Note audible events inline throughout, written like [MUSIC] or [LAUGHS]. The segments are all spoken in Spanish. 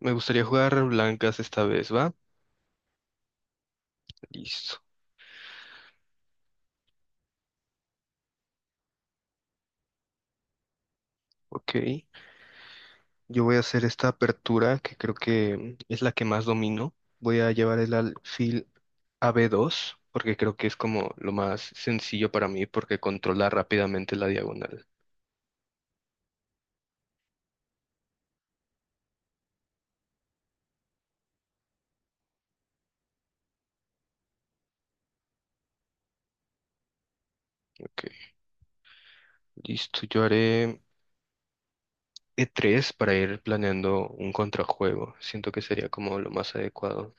Me gustaría jugar blancas esta vez, ¿va? Listo. Ok. Yo voy a hacer esta apertura que creo que es la que más domino. Voy a llevar el alfil a b dos, porque creo que es como lo más sencillo para mí porque controla rápidamente la diagonal. Ok. Listo. Yo haré e tres para ir planeando un contrajuego. Siento que sería como lo más adecuado.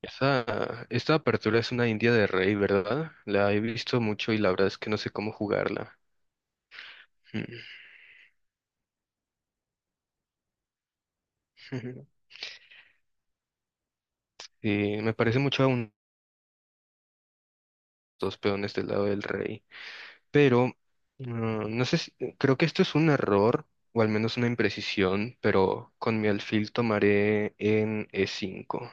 Esta apertura es una india de rey, ¿verdad? La he visto mucho y la verdad es que no sé cómo jugarla. Hmm. [LAUGHS] Sí, me parece mucho a un- dos peones del lado del rey. Pero no, no sé si, creo que esto es un error, o al menos una imprecisión, pero con mi alfil tomaré en E5.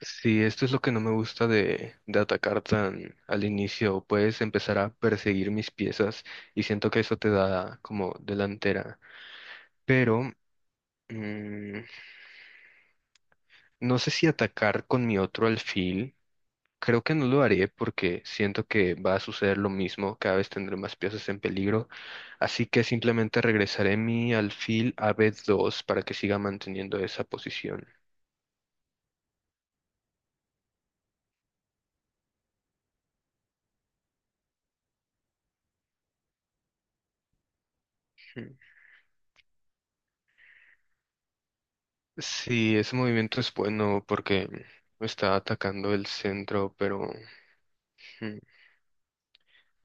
Sí, esto es lo que no me gusta de atacar tan al inicio. Puedes empezar a perseguir mis piezas y siento que eso te da como delantera. Pero mm, no sé si atacar con mi otro alfil. Creo que no lo haré porque siento que va a suceder lo mismo, cada vez tendré más piezas en peligro, así que simplemente regresaré mi alfil a B2 para que siga manteniendo esa posición. Hmm. Sí, ese movimiento es bueno porque está atacando el centro, pero hmm,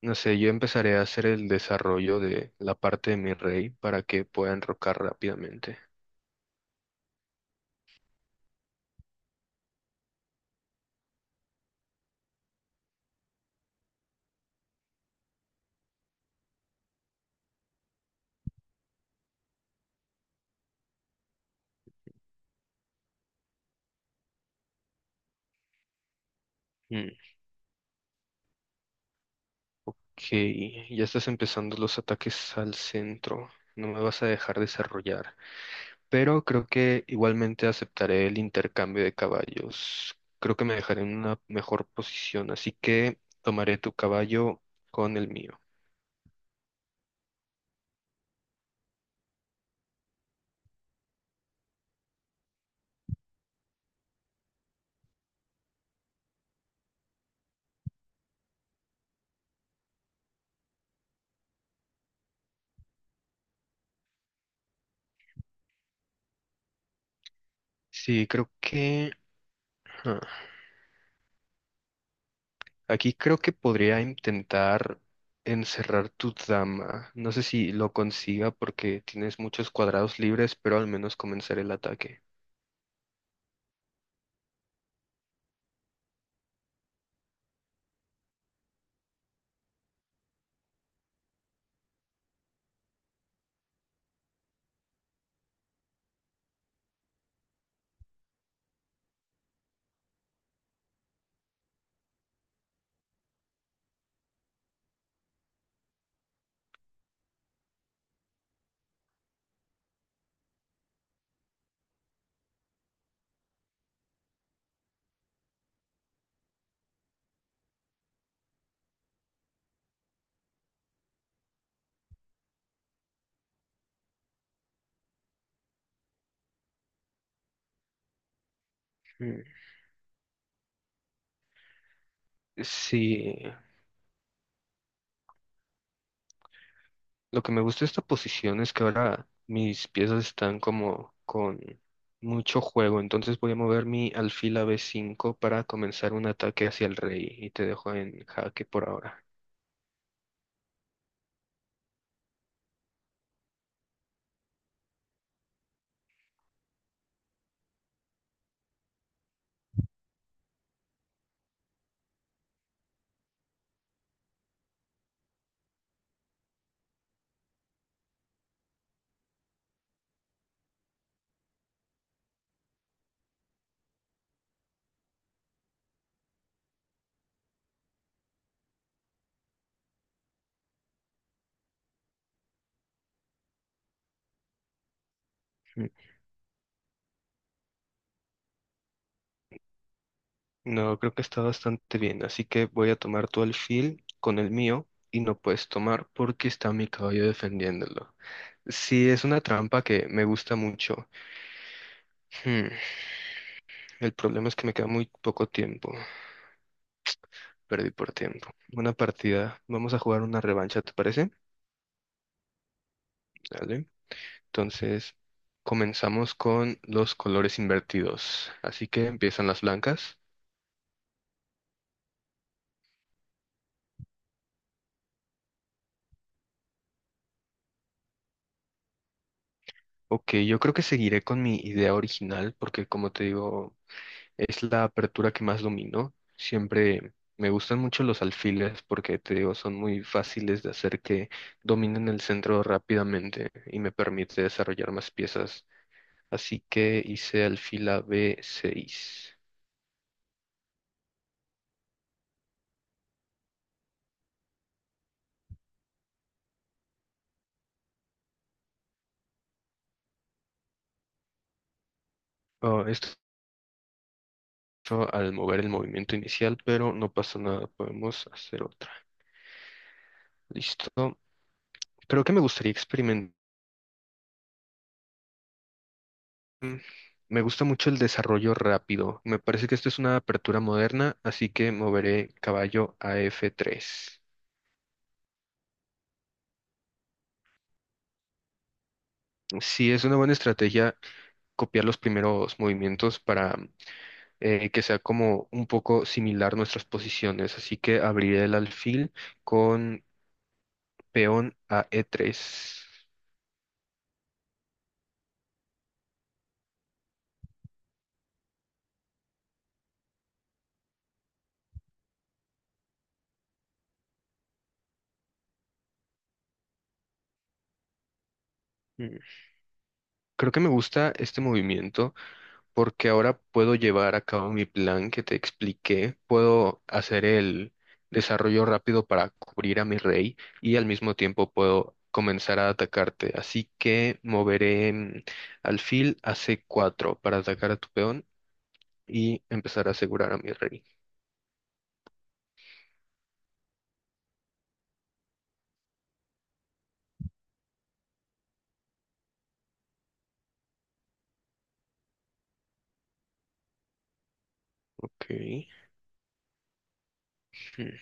no sé, yo empezaré a hacer el desarrollo de la parte de mi rey para que pueda enrocar rápidamente. Mm, ok, ya estás empezando los ataques al centro. No me vas a dejar desarrollar. Pero creo que igualmente aceptaré el intercambio de caballos. Creo que me dejaré en una mejor posición, así que tomaré tu caballo con el mío. Sí, creo que... ah, aquí creo que podría intentar encerrar tu dama. No sé si lo consiga porque tienes muchos cuadrados libres, pero al menos comenzaré el ataque. Mm. Sí, lo que me gusta de esta posición es que ahora mis piezas están como con mucho juego, entonces voy a mover mi alfil a B5 para comenzar un ataque hacia el rey y te dejo en jaque por ahora. Mm. No, creo que está bastante bien, así que voy a tomar tu alfil con el mío y no puedes tomar porque está mi caballo defendiéndolo. Sí, es una trampa que me gusta mucho. Hmm, el problema es que me queda muy poco tiempo. Perdí por tiempo. Buena partida. Vamos a jugar una revancha, ¿te parece? ¿Vale? Entonces, comenzamos con los colores invertidos. Así que empiezan las blancas. Ok, yo creo que seguiré con mi idea original porque, como te digo, es la apertura que más domino. Siempre me gustan mucho los alfiles porque, te digo, son muy fáciles de hacer que dominen el centro rápidamente y me permite desarrollar más piezas. Así que hice alfil a B6. Oh, esto mucho al mover el movimiento inicial, pero no pasa nada, podemos hacer otra. Listo. Creo que me gustaría experimentar. mm, Me gusta mucho el desarrollo rápido. Me parece que esto es una apertura moderna, así que moveré caballo a F3. Sí, es una buena estrategia copiar los primeros movimientos para que sea como un poco similar nuestras posiciones. Así que abriré el alfil con peón a E3. Mm, creo que me gusta este movimiento porque ahora puedo llevar a cabo mi plan que te expliqué, puedo hacer el desarrollo rápido para cubrir a mi rey y al mismo tiempo puedo comenzar a atacarte. Así que moveré alfil a C4 para atacar a tu peón y empezar a asegurar a mi rey. Ok. Hmm.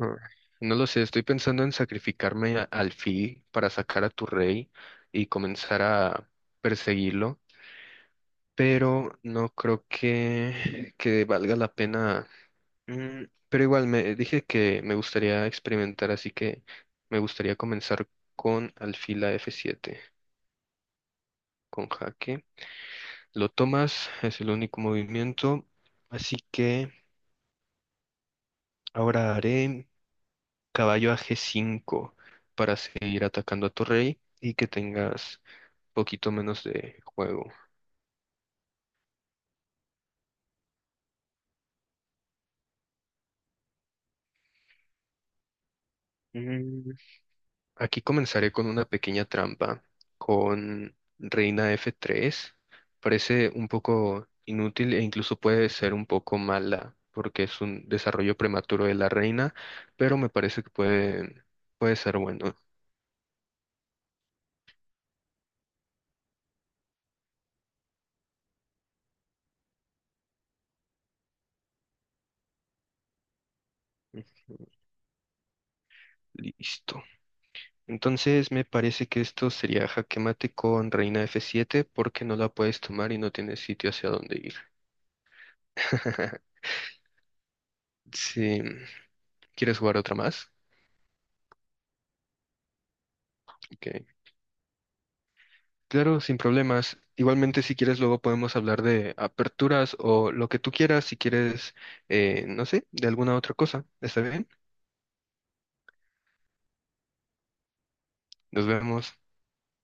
Ah, no lo sé, estoy pensando en sacrificarme a- al alfil para sacar a tu rey y comenzar a perseguirlo. Pero no creo que valga la pena. Mm, pero igual me dije que me gustaría experimentar, así que me gustaría comenzar con alfila F7, con jaque. Lo tomas, es el único movimiento, así que ahora haré caballo a G5 para seguir atacando a tu rey y que tengas poquito menos de juego. Aquí comenzaré con una pequeña trampa, con reina F3. Parece un poco inútil e incluso puede ser un poco mala, porque es un desarrollo prematuro de la reina, pero me parece que puede ser bueno. Ujú, listo. Entonces me parece que esto sería jaque mate con reina F7 porque no la puedes tomar y no tienes sitio hacia dónde ir. [LAUGHS] Sí. ¿Quieres jugar otra más? Ok. Claro, sin problemas. Igualmente, si quieres, luego podemos hablar de aperturas o lo que tú quieras, si quieres, no sé, de alguna otra cosa. ¿Está bien? Nos vemos.